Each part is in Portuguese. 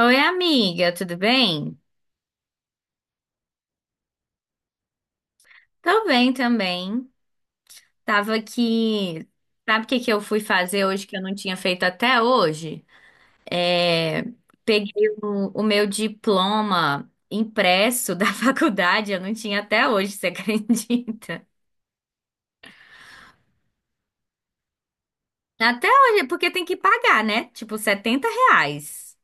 Oi, amiga, tudo bem? Tô bem também. Tava aqui. Sabe o que que eu fui fazer hoje que eu não tinha feito até hoje? É, peguei o meu diploma impresso da faculdade, eu não tinha até hoje, você acredita? Até hoje, porque tem que pagar, né? Tipo, R$ 70.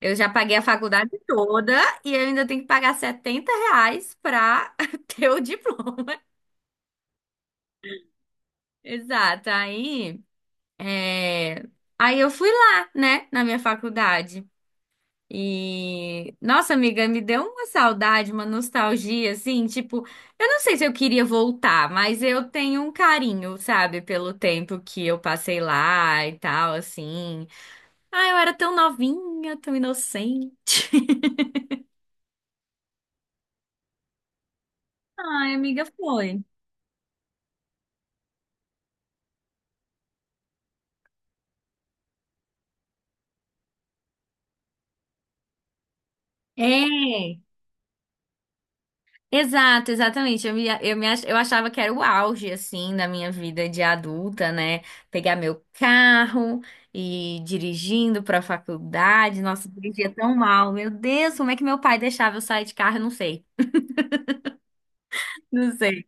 Eu já paguei a faculdade toda e eu ainda tenho que pagar R$ 70 pra ter o diploma. Exato. Aí. É, aí eu fui lá, né, na minha faculdade. E, nossa, amiga, me deu uma saudade, uma nostalgia, assim, tipo, eu não sei se eu queria voltar, mas eu tenho um carinho, sabe, pelo tempo que eu passei lá e tal, assim. Ah, eu era tão novinha, tão inocente. Ai, amiga, foi. É. Exato, exatamente. Eu achava que era o auge, assim, da minha vida de adulta, né? Pegar meu carro e ir dirigindo para a faculdade. Nossa, eu dirigia tão mal. Meu Deus, como é que meu pai deixava eu sair de carro? Eu não sei. Não sei.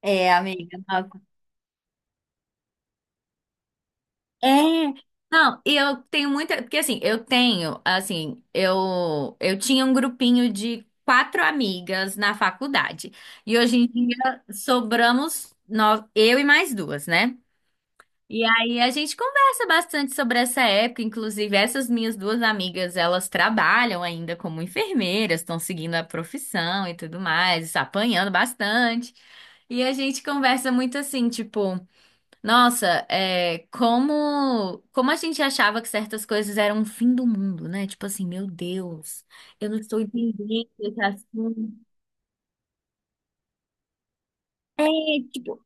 É, amiga, nossa. É. Não, e eu tenho muita, porque assim, eu tenho, assim, eu tinha um grupinho de quatro amigas na faculdade. E hoje em dia sobramos nós, eu e mais duas, né? E aí a gente conversa bastante sobre essa época, inclusive essas minhas duas amigas, elas trabalham ainda como enfermeiras, estão seguindo a profissão e tudo mais, apanhando bastante. E a gente conversa muito assim, tipo, nossa, é, como a gente achava que certas coisas eram o fim do mundo, né? Tipo assim, meu Deus, eu não estou entendendo esse assunto. É, tipo,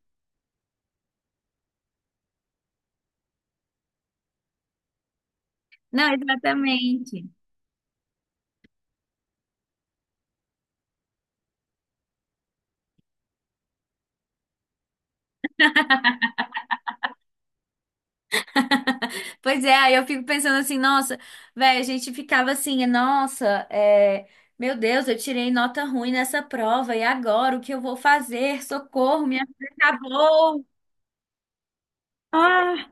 não, exatamente. Pois é, aí eu fico pensando assim, nossa, velho, a gente ficava assim, nossa, é, meu Deus, eu tirei nota ruim nessa prova, e agora o que eu vou fazer? Socorro, minha vida acabou. Ah,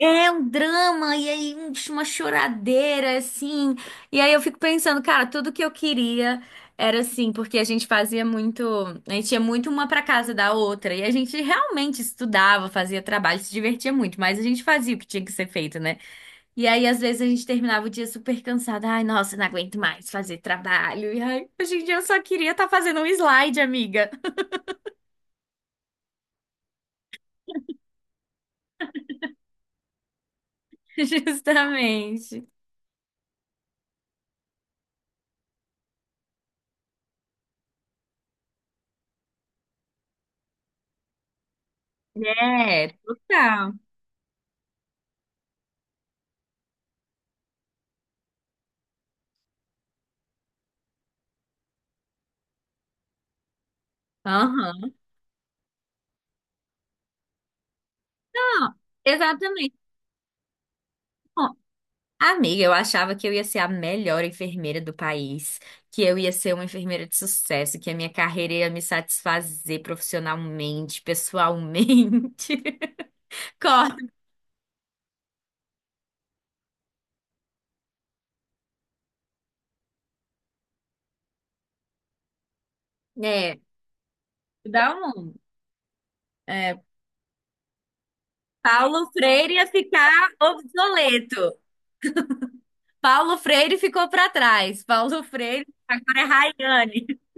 é um drama, e aí uma choradeira, assim. E aí eu fico pensando, cara, tudo que eu queria era assim, porque a gente fazia muito. A gente ia muito uma pra casa da outra, e a gente realmente estudava, fazia trabalho, se divertia muito, mas a gente fazia o que tinha que ser feito, né? E aí, às vezes, a gente terminava o dia super cansada. Ai, nossa, não aguento mais fazer trabalho. E ai, hoje em dia eu só queria estar fazendo um slide, amiga. Justamente. É, total. Aham. Não, exatamente. Bom, amiga, eu achava que eu ia ser a melhor enfermeira do país, que eu ia ser uma enfermeira de sucesso, que a minha carreira ia me satisfazer profissionalmente, pessoalmente. Corta. É, dá um. É, Paulo Freire ia ficar obsoleto. Paulo Freire ficou para trás. Paulo Freire agora é Rayane.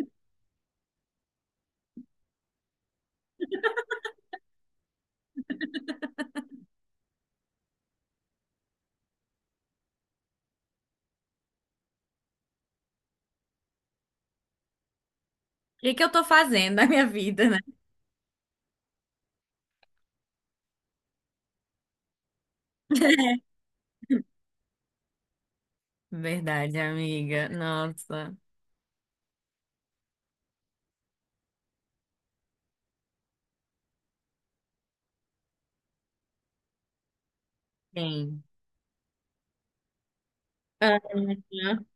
O que é que eu tô fazendo na minha vida, né? Verdade, amiga. Nossa. Sim. Uhum.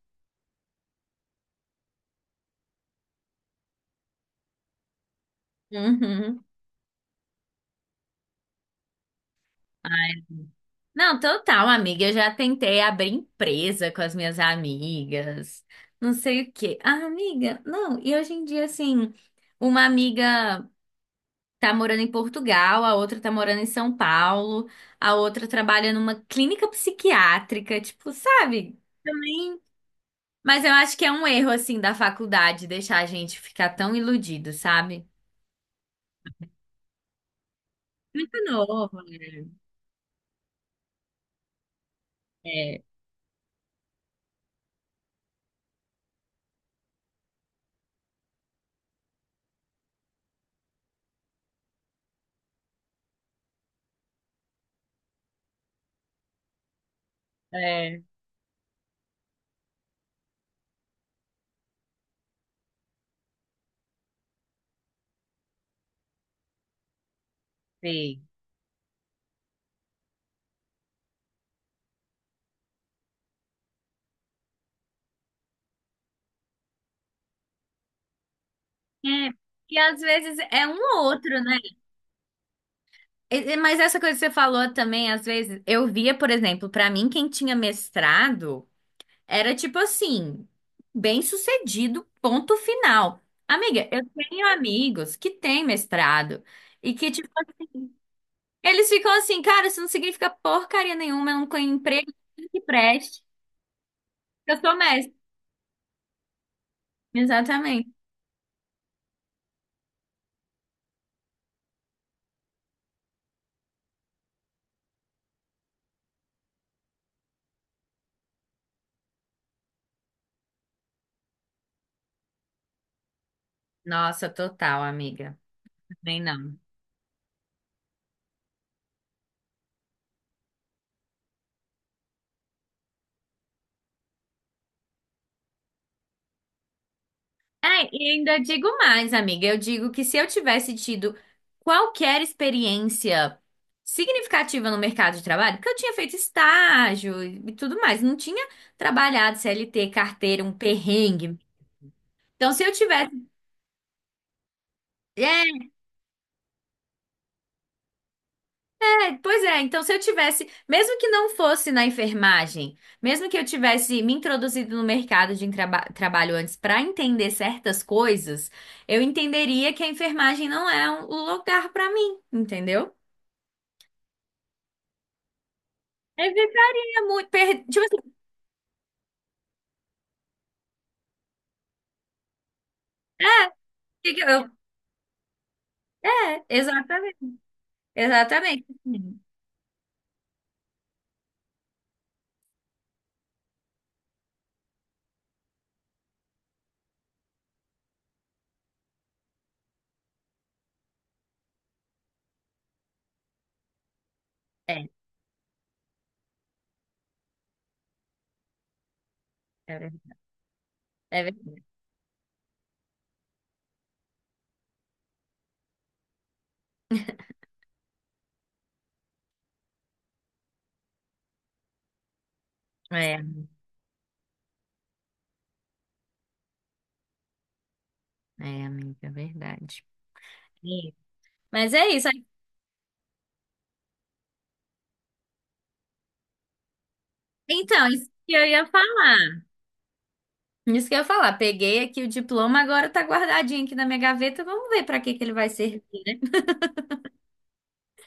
Uhum. Não, total, amiga. Eu já tentei abrir empresa com as minhas amigas, não sei o quê. Ah, amiga, não. E hoje em dia, assim, uma amiga tá morando em Portugal, a outra tá morando em São Paulo, a outra trabalha numa clínica psiquiátrica, tipo, sabe? Também. Mas eu acho que é um erro, assim, da faculdade deixar a gente ficar tão iludido, sabe? É novo, né? É, é, sei. É, e às vezes é um ou outro, né? Mas essa coisa que você falou também, às vezes, eu via, por exemplo, pra mim, quem tinha mestrado. Era tipo assim, bem sucedido, ponto final. Amiga, eu tenho amigos que têm mestrado e que, tipo, eles ficam assim, cara, isso não significa porcaria nenhuma, eu não tenho emprego que preste. Eu sou mestre. Exatamente. Nossa, total, amiga. Também não. É, e ainda digo mais, amiga. Eu digo que se eu tivesse tido qualquer experiência significativa no mercado de trabalho, porque eu tinha feito estágio e tudo mais, não tinha trabalhado CLT, carteira, um perrengue. Então, se eu tivesse. É, pois é, então se eu tivesse, mesmo que não fosse na enfermagem, mesmo que eu tivesse me introduzido no mercado de trabalho antes para entender certas coisas, eu entenderia que a enfermagem não é o lugar para mim, entendeu? Evitaria muito. Tipo assim, por que que eu... É, exatamente. Exatamente, assim. É, é verdade. É, verdade. é, é, amiga, é verdade. É. Mas é isso. Então, isso que eu ia falar. Isso que eu ia falar. Peguei aqui o diploma, agora tá guardadinho aqui na minha gaveta. Vamos ver pra que que ele vai servir.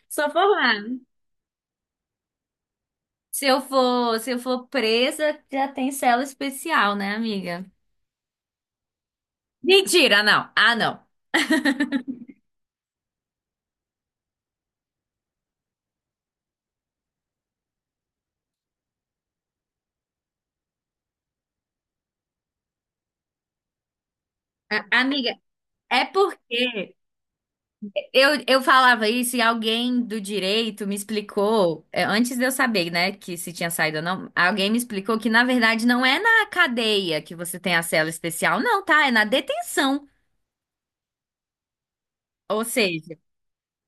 Só formar. Se eu for presa, já tem cela especial, né, amiga? Mentira, não. Ah, não. Amiga, é porque eu falava isso e alguém do direito me explicou, é, antes de eu saber, né, que se tinha saído ou não, alguém me explicou que, na verdade, não é na cadeia que você tem a cela especial, não, tá? É na detenção. Ou seja,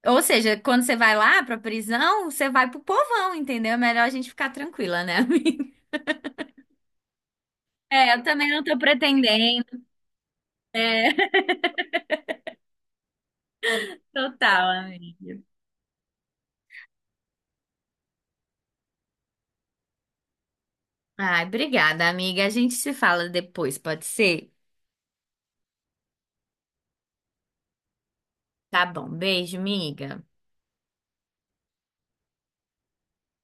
quando você vai lá pra prisão, você vai pro povão, entendeu? É melhor a gente ficar tranquila, né, amiga? É, eu também não tô pretendendo, total, amiga. Ai, obrigada, amiga. A gente se fala depois, pode ser? Tá bom, beijo, amiga.